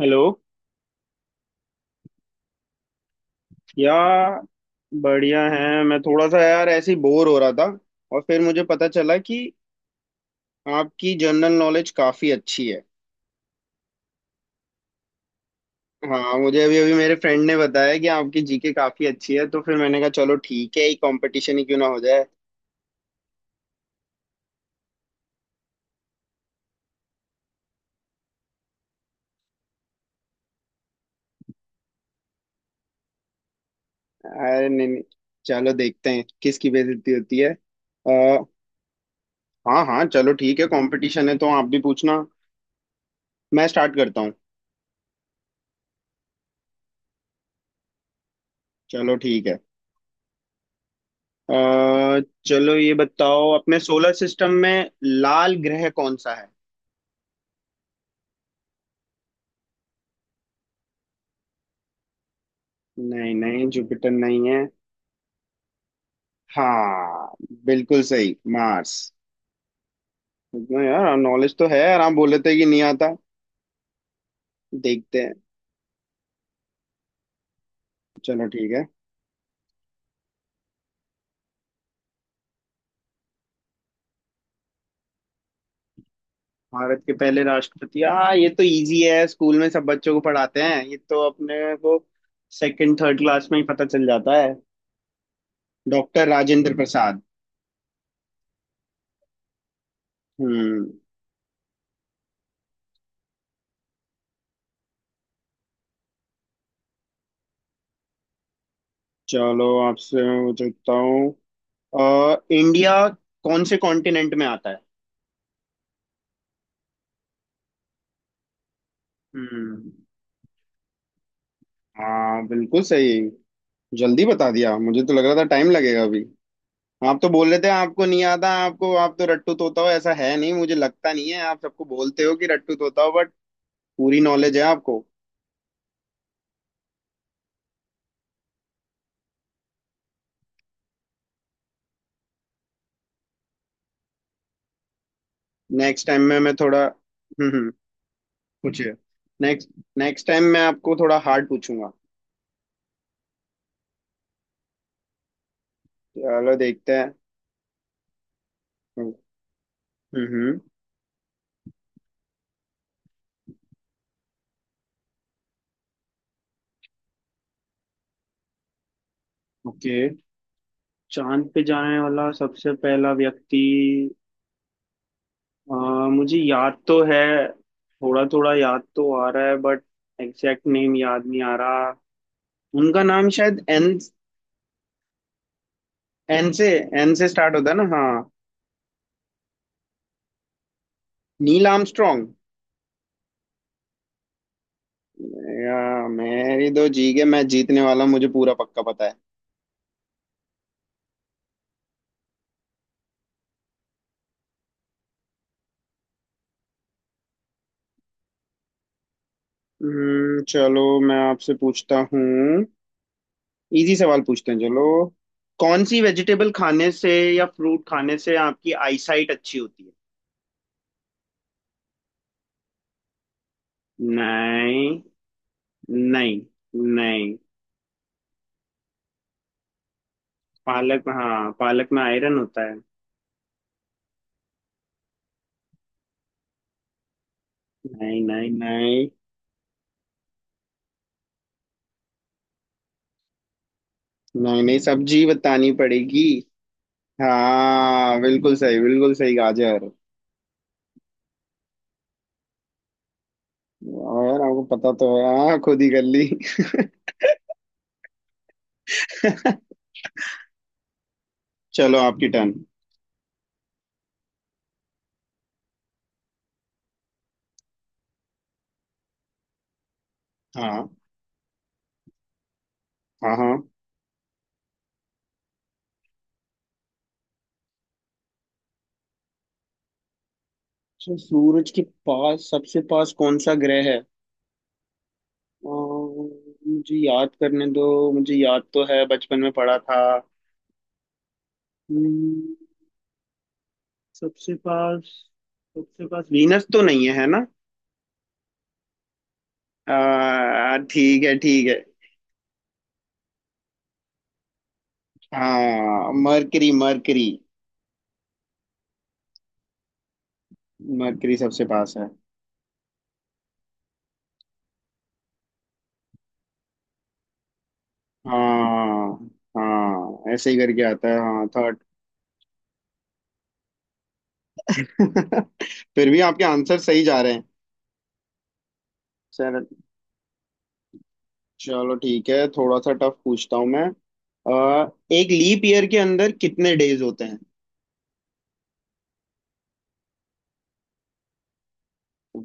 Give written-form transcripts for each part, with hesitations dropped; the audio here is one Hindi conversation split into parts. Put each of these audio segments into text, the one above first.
हेलो। यार, बढ़िया है। मैं थोड़ा सा, यार, ऐसे ही बोर हो रहा था, और फिर मुझे पता चला कि आपकी जनरल नॉलेज काफ़ी अच्छी है। हाँ, मुझे अभी अभी मेरे फ्रेंड ने बताया कि आपकी जीके काफ़ी अच्छी है, तो फिर मैंने कहा चलो ठीक है, ही कंपटीशन ही क्यों ना हो जाए। अरे, नहीं नहीं। चलो देखते हैं किसकी बेइज्जती होती है। आ, हाँ हाँ, चलो ठीक है, कंपटीशन है तो आप भी पूछना। मैं स्टार्ट करता हूँ। चलो ठीक है। अ, चलो ये बताओ, अपने सोलर सिस्टम में लाल ग्रह कौन सा है? नहीं नहीं, जुपिटर नहीं है। हाँ, बिल्कुल सही, मार्स। इतना यार नॉलेज तो है, यार, आप बोले थे कि नहीं आता। देखते हैं। चलो ठीक है। भारत के पहले राष्ट्रपति, हाँ, ये तो इजी है, स्कूल में सब बच्चों को पढ़ाते हैं, ये तो अपने को सेकंड थर्ड क्लास में ही पता चल जाता है। डॉक्टर राजेंद्र प्रसाद। हम्म। चलो, आपसे मैं पूछता हूँ। इंडिया कौन से कॉन्टिनेंट में आता है? हम्म। हाँ, बिल्कुल सही। जल्दी बता दिया, मुझे तो लग रहा था टाइम लगेगा अभी। आप तो बोल रहे थे आपको नहीं आता। आपको आप तो रट्टू तोता हो, ऐसा है नहीं, मुझे लगता नहीं है, आप सबको बोलते हो कि रट्टू तोता हो, बट पूरी नॉलेज है आपको। नेक्स्ट टाइम में मैं थोड़ा पूछिए। नेक्स्ट। नेक्स्ट टाइम मैं आपको थोड़ा हार्ड पूछूंगा। चलो देखते हैं। हम्म, हम्म। ओके। चांद पे जाने वाला सबसे पहला व्यक्ति? अ, मुझे याद तो है। थोड़ा थोड़ा याद तो आ रहा है, बट एग्जैक्ट नेम याद नहीं आ रहा। उनका नाम शायद एन। एन से, एन से स्टार्ट होता है ना? हाँ। Neil Armstrong. मेरी दो जी के, मैं जीतने वाला, मुझे पूरा पक्का पता है। चलो, मैं आपसे पूछता हूँ। इजी सवाल पूछते हैं, चलो। कौन सी वेजिटेबल खाने से या फ्रूट खाने से आपकी आईसाइट अच्छी होती है? नहीं नहीं नहीं। पालक, हाँ, पालक में आयरन होता है। नहीं नहीं नहीं। नहीं नहीं, सब्जी बतानी पड़ेगी। हाँ, बिल्कुल सही बिल्कुल सही, गाजर। और आपको पता तो है, हाँ, खुद ही कर ली। चलो, आपकी टर्न। हाँ हाँ हाँ। So, सूरज के पास सबसे पास कौन सा ग्रह है? अम्म, मुझे याद करने दो। मुझे याद तो है, बचपन में पढ़ा था। हम्म, सबसे पास सबसे पास वीनस तो नहीं है, है ना? ठीक है ठीक है। हाँ, मरकरी मरकरी। मरकरी सबसे पास है। हाँ हाँ, ऐसे ही करके आता है। हाँ, थर्ड। फिर भी आपके आंसर सही जा रहे हैं। चलो। चलो ठीक है, थोड़ा सा टफ पूछता हूँ मैं। एक लीप ईयर के अंदर कितने डेज होते हैं?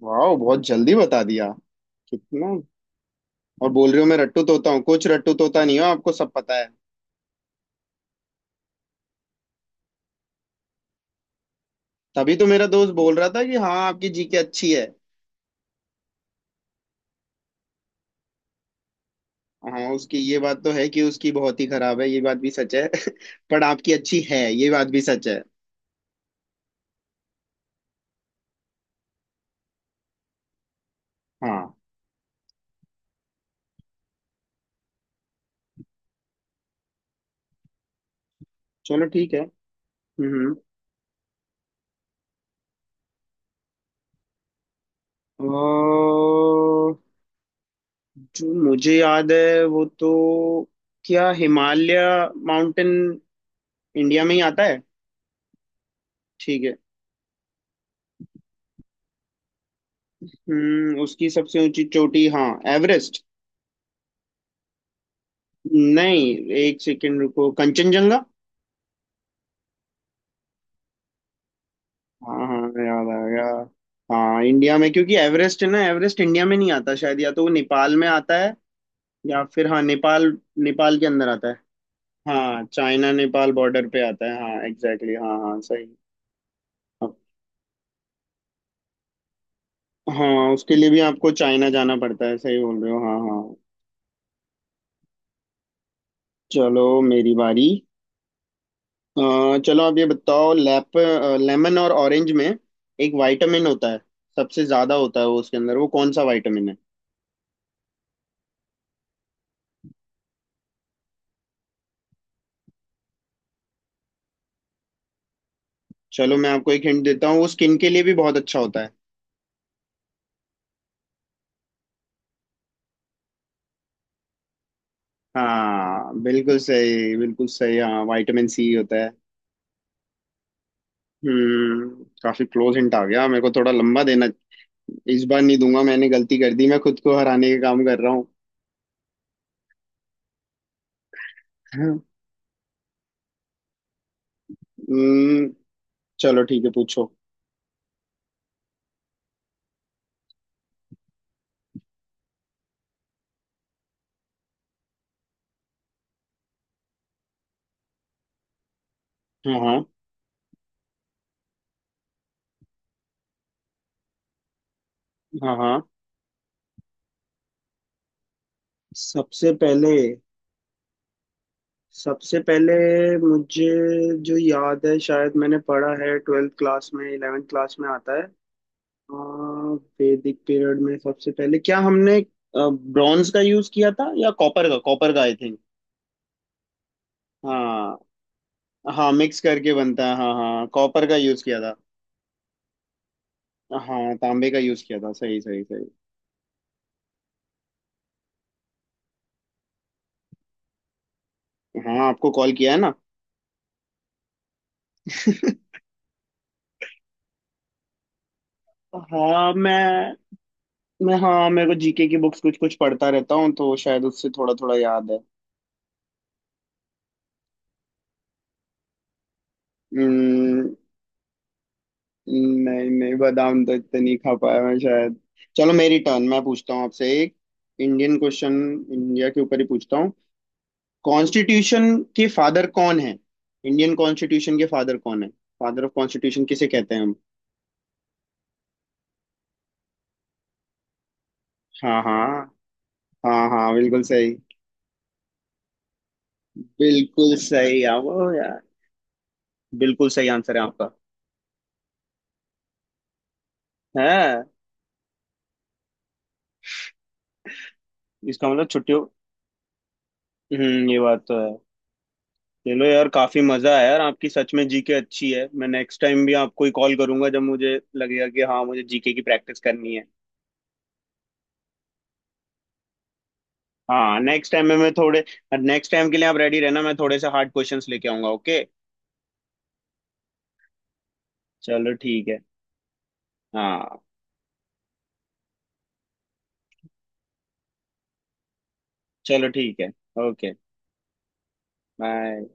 वाह, बहुत जल्दी बता दिया। कितना? और बोल रहे हो मैं रट्टू तोता हूँ, कुछ रट्टू तोता नहीं हो, आपको सब पता है। तभी तो मेरा दोस्त बोल रहा था कि हाँ, आपकी जीके अच्छी है। हाँ, उसकी ये बात तो है कि उसकी बहुत ही खराब है ये बात भी सच है, पर आपकी अच्छी है ये बात भी सच है। हाँ, चलो ठीक है। हम्म अ, जो मुझे याद है वो तो, क्या हिमालय माउंटेन इंडिया में ही आता है? ठीक है। उसकी सबसे ऊंची चोटी, हाँ, एवरेस्ट? नहीं, एक सेकेंड रुको, कंचनजंगा। हाँ हाँ, याद आ गया। हाँ, इंडिया में, क्योंकि एवरेस्ट है ना, एवरेस्ट इंडिया में नहीं आता शायद, या तो वो नेपाल में आता है, या फिर, हाँ, नेपाल, नेपाल के अंदर आता है। हाँ, चाइना नेपाल बॉर्डर पे आता है, हाँ, एग्जैक्टली exactly, हाँ हाँ, सही। अब- हाँ, उसके लिए भी आपको चाइना जाना पड़ता है, सही बोल रहे हो, हाँ हाँ। चलो, मेरी बारी। अ, चलो, आप ये बताओ, लैप लेमन और ऑरेंज में एक विटामिन होता है, सबसे ज्यादा होता है वो उसके अंदर, वो कौन सा विटामिन है? चलो, मैं आपको एक हिंट देता हूँ, वो स्किन के लिए भी बहुत अच्छा होता है। हाँ, बिल्कुल सही बिल्कुल सही, हाँ, विटामिन सी होता है। हम्म। काफी क्लोज हिंट आ गया मेरे को, थोड़ा लंबा देना। इस बार नहीं दूंगा, मैंने गलती कर दी, मैं खुद को हराने का काम कर रहा हूँ। हम्म चलो ठीक है, पूछो। हाँ हाँ हाँ हाँ। सबसे पहले सबसे पहले मुझे जो याद है, शायद मैंने पढ़ा है ट्वेल्थ क्लास में, इलेवेंथ क्लास में आता है। अ, वैदिक पीरियड में सबसे पहले क्या हमने ब्रॉन्ज का यूज किया था या कॉपर का आई थिंक। हाँ हाँ, मिक्स करके बनता है, हाँ हाँ, कॉपर का यूज किया था। हाँ, तांबे का यूज किया था, सही सही सही। हाँ, आपको कॉल किया है ना। हाँ, मैं हाँ, मेरे को जीके की बुक्स कुछ कुछ पढ़ता रहता हूँ, तो शायद उससे थोड़ा थोड़ा याद है। हम्म, नहीं नहीं, बादाम तो इतने नहीं खा पाया मैं शायद। चलो, मेरी टर्न, मैं पूछता हूँ आपसे एक इंडियन क्वेश्चन। इंडिया के ऊपर ही पूछता हूँ। कॉन्स्टिट्यूशन के फादर कौन है? इंडियन कॉन्स्टिट्यूशन के फादर कौन है? फादर ऑफ कॉन्स्टिट्यूशन किसे कहते हैं हम? हाँ हाँ हाँ हाँ, बिल्कुल सही बिल्कुल सही, आप बिल्कुल सही आंसर है आपका। है। इसका मतलब छुट्टियों। ये बात तो है। चलो यार, काफी मजा आया, यार, आपकी सच में जीके अच्छी है, मैं नेक्स्ट टाइम भी आपको ही कॉल करूंगा जब मुझे लगेगा कि हाँ, मुझे जीके की प्रैक्टिस करनी है। हाँ, नेक्स्ट टाइम में मैं थोड़े नेक्स्ट टाइम के लिए आप रेडी रहना, मैं थोड़े से हार्ड क्वेश्चंस लेके आऊंगा, ओके? चलो ठीक है। हाँ, चलो ठीक है। Okay, bye.